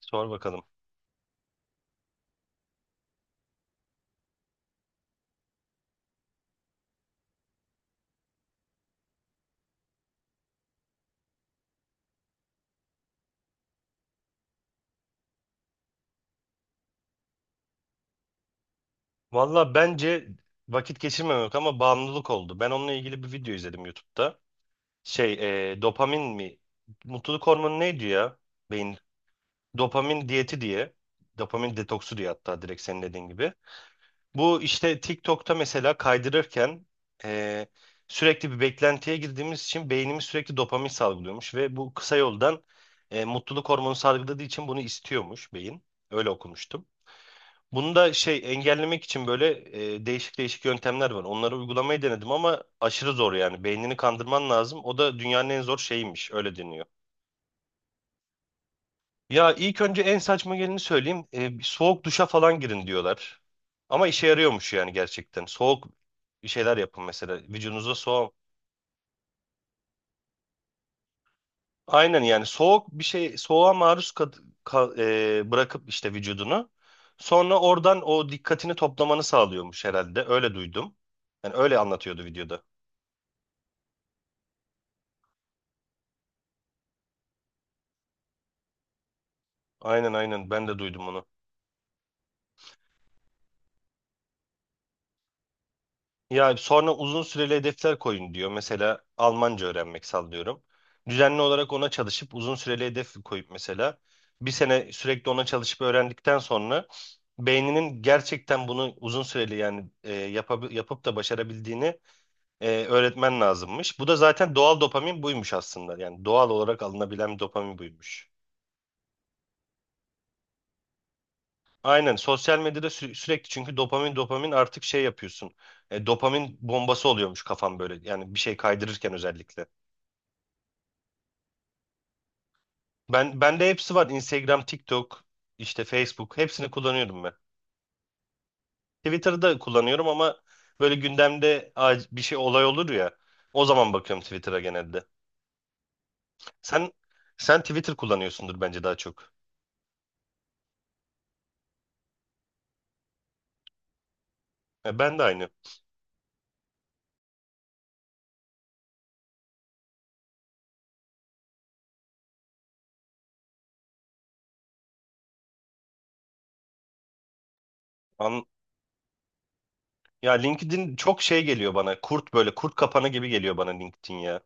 Sor bakalım. Valla bence vakit geçirmemek ama bağımlılık oldu. Ben onunla ilgili bir video izledim YouTube'da. Şey, dopamin mi? Mutluluk hormonu neydi ya? Beyin. Dopamin diyeti diye. Dopamin detoksu diye, hatta direkt senin dediğin gibi. Bu işte TikTok'ta mesela kaydırırken e, sürekli bir beklentiye girdiğimiz için beynimiz sürekli dopamin salgılıyormuş, ve bu kısa yoldan mutluluk hormonu salgıladığı için bunu istiyormuş beyin. Öyle okumuştum. Bunu da şey engellemek için böyle değişik değişik yöntemler var. Onları uygulamayı denedim ama aşırı zor yani. Beynini kandırman lazım. O da dünyanın en zor şeyiymiş. Öyle deniyor. Ya ilk önce en saçma geleni söyleyeyim. E, bir soğuk duşa falan girin diyorlar. Ama işe yarıyormuş yani, gerçekten. Soğuk bir şeyler yapın mesela. Vücudunuza soğuk. Aynen, yani soğuk bir şey, soğuğa maruz ka- bırakıp işte vücudunu. Sonra oradan o dikkatini toplamanı sağlıyormuş herhalde. Öyle duydum. Yani öyle anlatıyordu videoda. Aynen aynen, ben de duydum onu. Ya sonra uzun süreli hedefler koyun diyor. Mesela Almanca öğrenmek, sallıyorum. Düzenli olarak ona çalışıp uzun süreli hedef koyup, mesela bir sene sürekli ona çalışıp öğrendikten sonra beyninin gerçekten bunu uzun süreli, yani yapıp da başarabildiğini öğretmen lazımmış. Bu da zaten doğal dopamin buymuş aslında. Yani doğal olarak alınabilen dopamin buymuş. Aynen, sosyal medyada sürekli, çünkü dopamin dopamin artık şey yapıyorsun. E, dopamin bombası oluyormuş kafam böyle. Yani bir şey kaydırırken özellikle. Bende hepsi var. Instagram, TikTok, işte Facebook, hepsini kullanıyorum ben. Twitter'ı da kullanıyorum ama böyle gündemde bir şey, olay olur ya. O zaman bakıyorum Twitter'a genelde. Sen sen Twitter kullanıyorsundur bence daha çok. Ben de aynı. An ya LinkedIn çok şey geliyor bana. Kurt, böyle kurt kapanı gibi geliyor bana LinkedIn ya.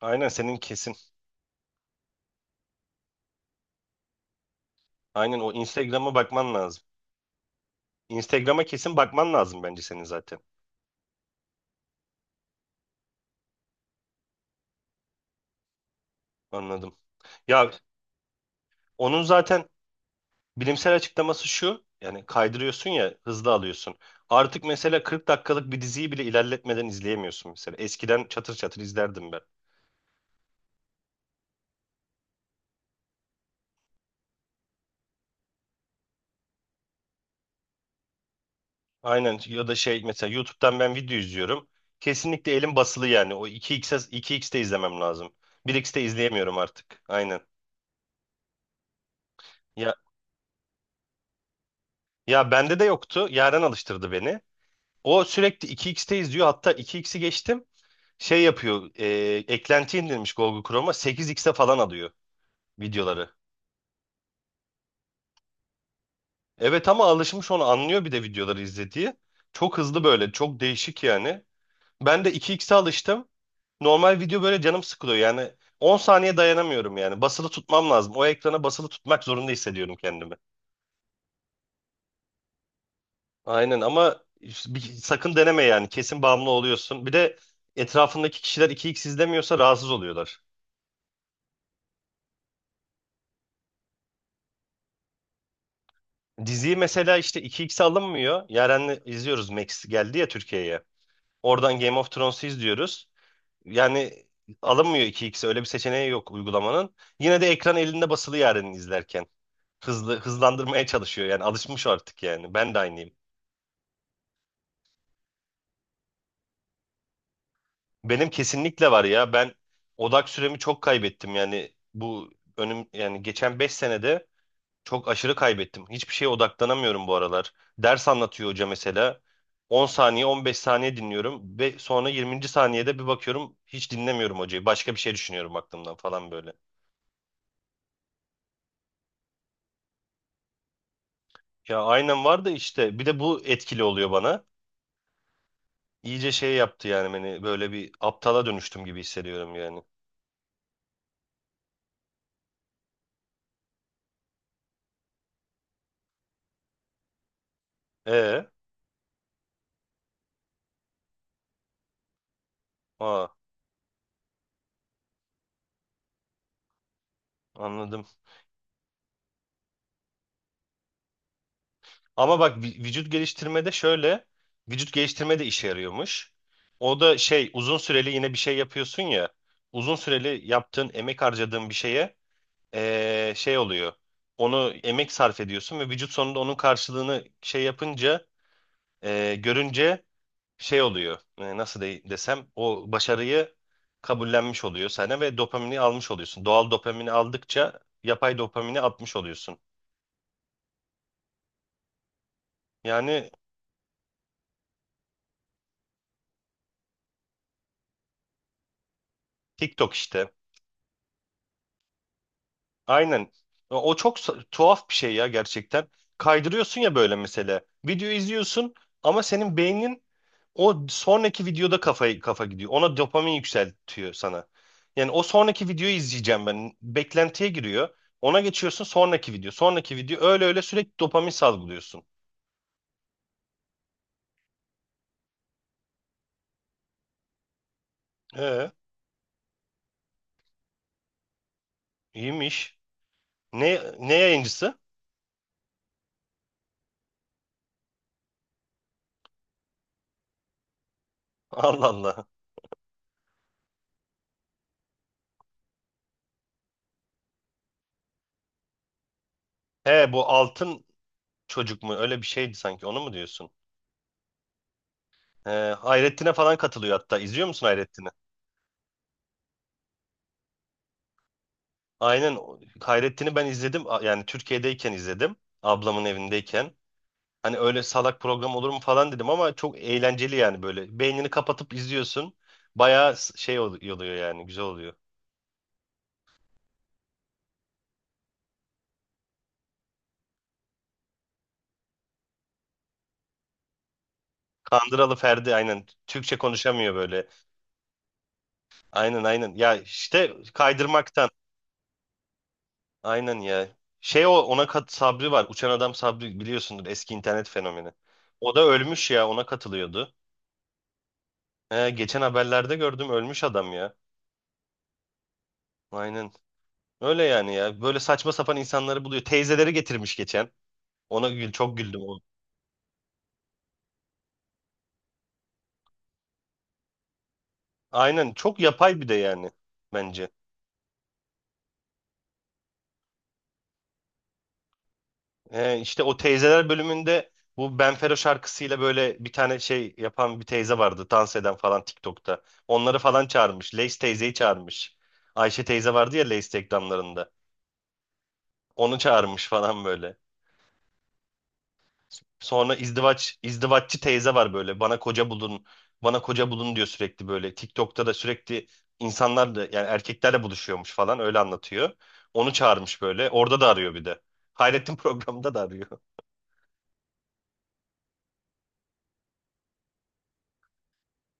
Aynen, senin kesin. Aynen, o Instagram'a bakman lazım. Instagram'a kesin bakman lazım bence senin zaten. Anladım. Ya onun zaten bilimsel açıklaması şu. Yani kaydırıyorsun ya, hızlı alıyorsun. Artık mesela 40 dakikalık bir diziyi bile ilerletmeden izleyemiyorsun mesela. Eskiden çatır çatır izlerdim ben. Aynen, ya da şey mesela YouTube'dan ben video izliyorum. Kesinlikle elim basılı yani. O 2x'e 2x'te izlemem lazım. 1x'te izleyemiyorum artık. Aynen. Ya ya bende de yoktu. Yaren alıştırdı beni. O sürekli 2x'teyiz diyor. Hatta 2x'i geçtim. Şey yapıyor. Eklenti indirmiş Google Chrome'a. 8x'e falan alıyor videoları. Evet, ama alışmış, onu anlıyor, bir de videoları izlediği. Çok hızlı böyle. Çok değişik yani. Ben de 2x'e alıştım. Normal video böyle canım sıkılıyor. Yani 10 saniye dayanamıyorum yani. Basılı tutmam lazım. O ekrana basılı tutmak zorunda hissediyorum kendimi. Aynen, ama işte sakın deneme yani. Kesin bağımlı oluyorsun. Bir de etrafındaki kişiler 2x izlemiyorsa rahatsız oluyorlar. Diziyi mesela işte 2x alınmıyor. Yaren'le izliyoruz, Max geldi ya Türkiye'ye. Oradan Game of Thrones'u izliyoruz. Yani alınmıyor 2x, öyle bir seçeneği yok uygulamanın. Yine de ekran elinde basılı Yaren'i izlerken. Hızlı, hızlandırmaya çalışıyor yani, alışmış artık yani. Ben de aynıyım. Benim kesinlikle var ya, ben odak süremi çok kaybettim yani bu önüm yani geçen 5 senede. Çok aşırı kaybettim. Hiçbir şeye odaklanamıyorum bu aralar. Ders anlatıyor hoca mesela. 10 saniye, 15 saniye dinliyorum ve sonra 20. saniyede bir bakıyorum hiç dinlemiyorum hocayı. Başka bir şey düşünüyorum aklımdan falan böyle. Ya aynen var da, işte bir de bu etkili oluyor bana. İyice şey yaptı yani beni, böyle bir aptala dönüştüm gibi hissediyorum yani. E, aa, anladım. Ama bak vücut geliştirmede şöyle, vücut geliştirme de işe yarıyormuş. O da şey, uzun süreli yine bir şey yapıyorsun ya, uzun süreli yaptığın, emek harcadığın bir şeye şey oluyor. Onu emek sarf ediyorsun ve vücut sonunda onun karşılığını şey yapınca, görünce şey oluyor. Nasıl desem, o başarıyı kabullenmiş oluyor sana ve dopamini almış oluyorsun. Doğal dopamini aldıkça yapay dopamini atmış oluyorsun. Yani TikTok işte. Aynen. O çok tuhaf bir şey ya, gerçekten. Kaydırıyorsun ya böyle mesela. Video izliyorsun ama senin beynin o sonraki videoda kafa gidiyor. Ona dopamin yükseltiyor sana. Yani o sonraki videoyu izleyeceğim ben. Beklentiye giriyor. Ona geçiyorsun sonraki video. Sonraki video, öyle öyle sürekli dopamin salgılıyorsun. Ee, iyiymiş. Ne yayıncısı? Allah Allah. He, bu altın çocuk mu? Öyle bir şeydi sanki. Onu mu diyorsun? He, Hayrettin'e falan katılıyor hatta. İzliyor musun Hayrettin'i? Aynen, Hayrettin'i ben izledim, yani Türkiye'deyken izledim, ablamın evindeyken. Hani öyle salak program olur mu falan dedim, ama çok eğlenceli yani, böyle beynini kapatıp izliyorsun. Bayağı şey oluyor yani, güzel oluyor. Kandıralı Ferdi, aynen Türkçe konuşamıyor böyle. Aynen aynen ya, işte kaydırmaktan, aynen ya. Şey, o ona kat Sabri var, Uçan Adam Sabri, biliyorsundur, eski internet fenomeni. O da ölmüş ya, ona katılıyordu. He, geçen haberlerde gördüm, ölmüş adam ya. Aynen. Öyle yani ya. Böyle saçma sapan insanları buluyor. Teyzeleri getirmiş geçen. Ona gül, çok güldüm o. Aynen, çok yapay bir de yani, bence. İşte o teyzeler bölümünde bu Benfero şarkısıyla böyle bir tane şey yapan bir teyze vardı. Dans eden falan TikTok'ta. Onları falan çağırmış. Lace teyzeyi çağırmış. Ayşe teyze vardı ya Lace reklamlarında. Onu çağırmış falan böyle. Sonra izdivaç, izdivaççı teyze var böyle. Bana koca bulun, bana koca bulun diyor sürekli böyle. TikTok'ta da sürekli insanlar da yani erkeklerle buluşuyormuş falan, öyle anlatıyor. Onu çağırmış böyle. Orada da arıyor bir de. Hayrettin programında da arıyor.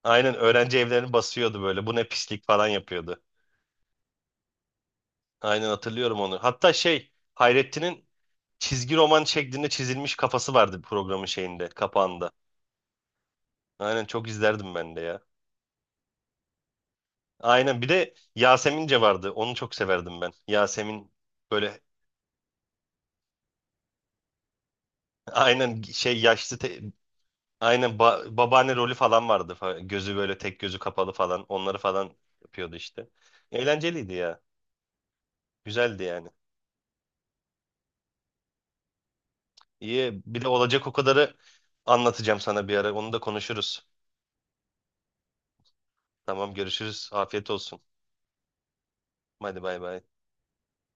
Aynen, öğrenci evlerini basıyordu böyle. Bu ne pislik falan yapıyordu. Aynen, hatırlıyorum onu. Hatta şey, Hayrettin'in çizgi roman şeklinde çizilmiş kafası vardı programın şeyinde, kapağında. Aynen, çok izlerdim ben de ya. Aynen, bir de Yasemince vardı. Onu çok severdim ben. Yasemin böyle aynen şey yaşlı aynen babaanne rolü falan vardı. Gözü böyle, tek gözü kapalı falan. Onları falan yapıyordu işte. Eğlenceliydi ya. Güzeldi yani. İyi, bir de olacak o kadarı anlatacağım sana bir ara. Onu da konuşuruz. Tamam, görüşürüz. Afiyet olsun. Hadi bay bay.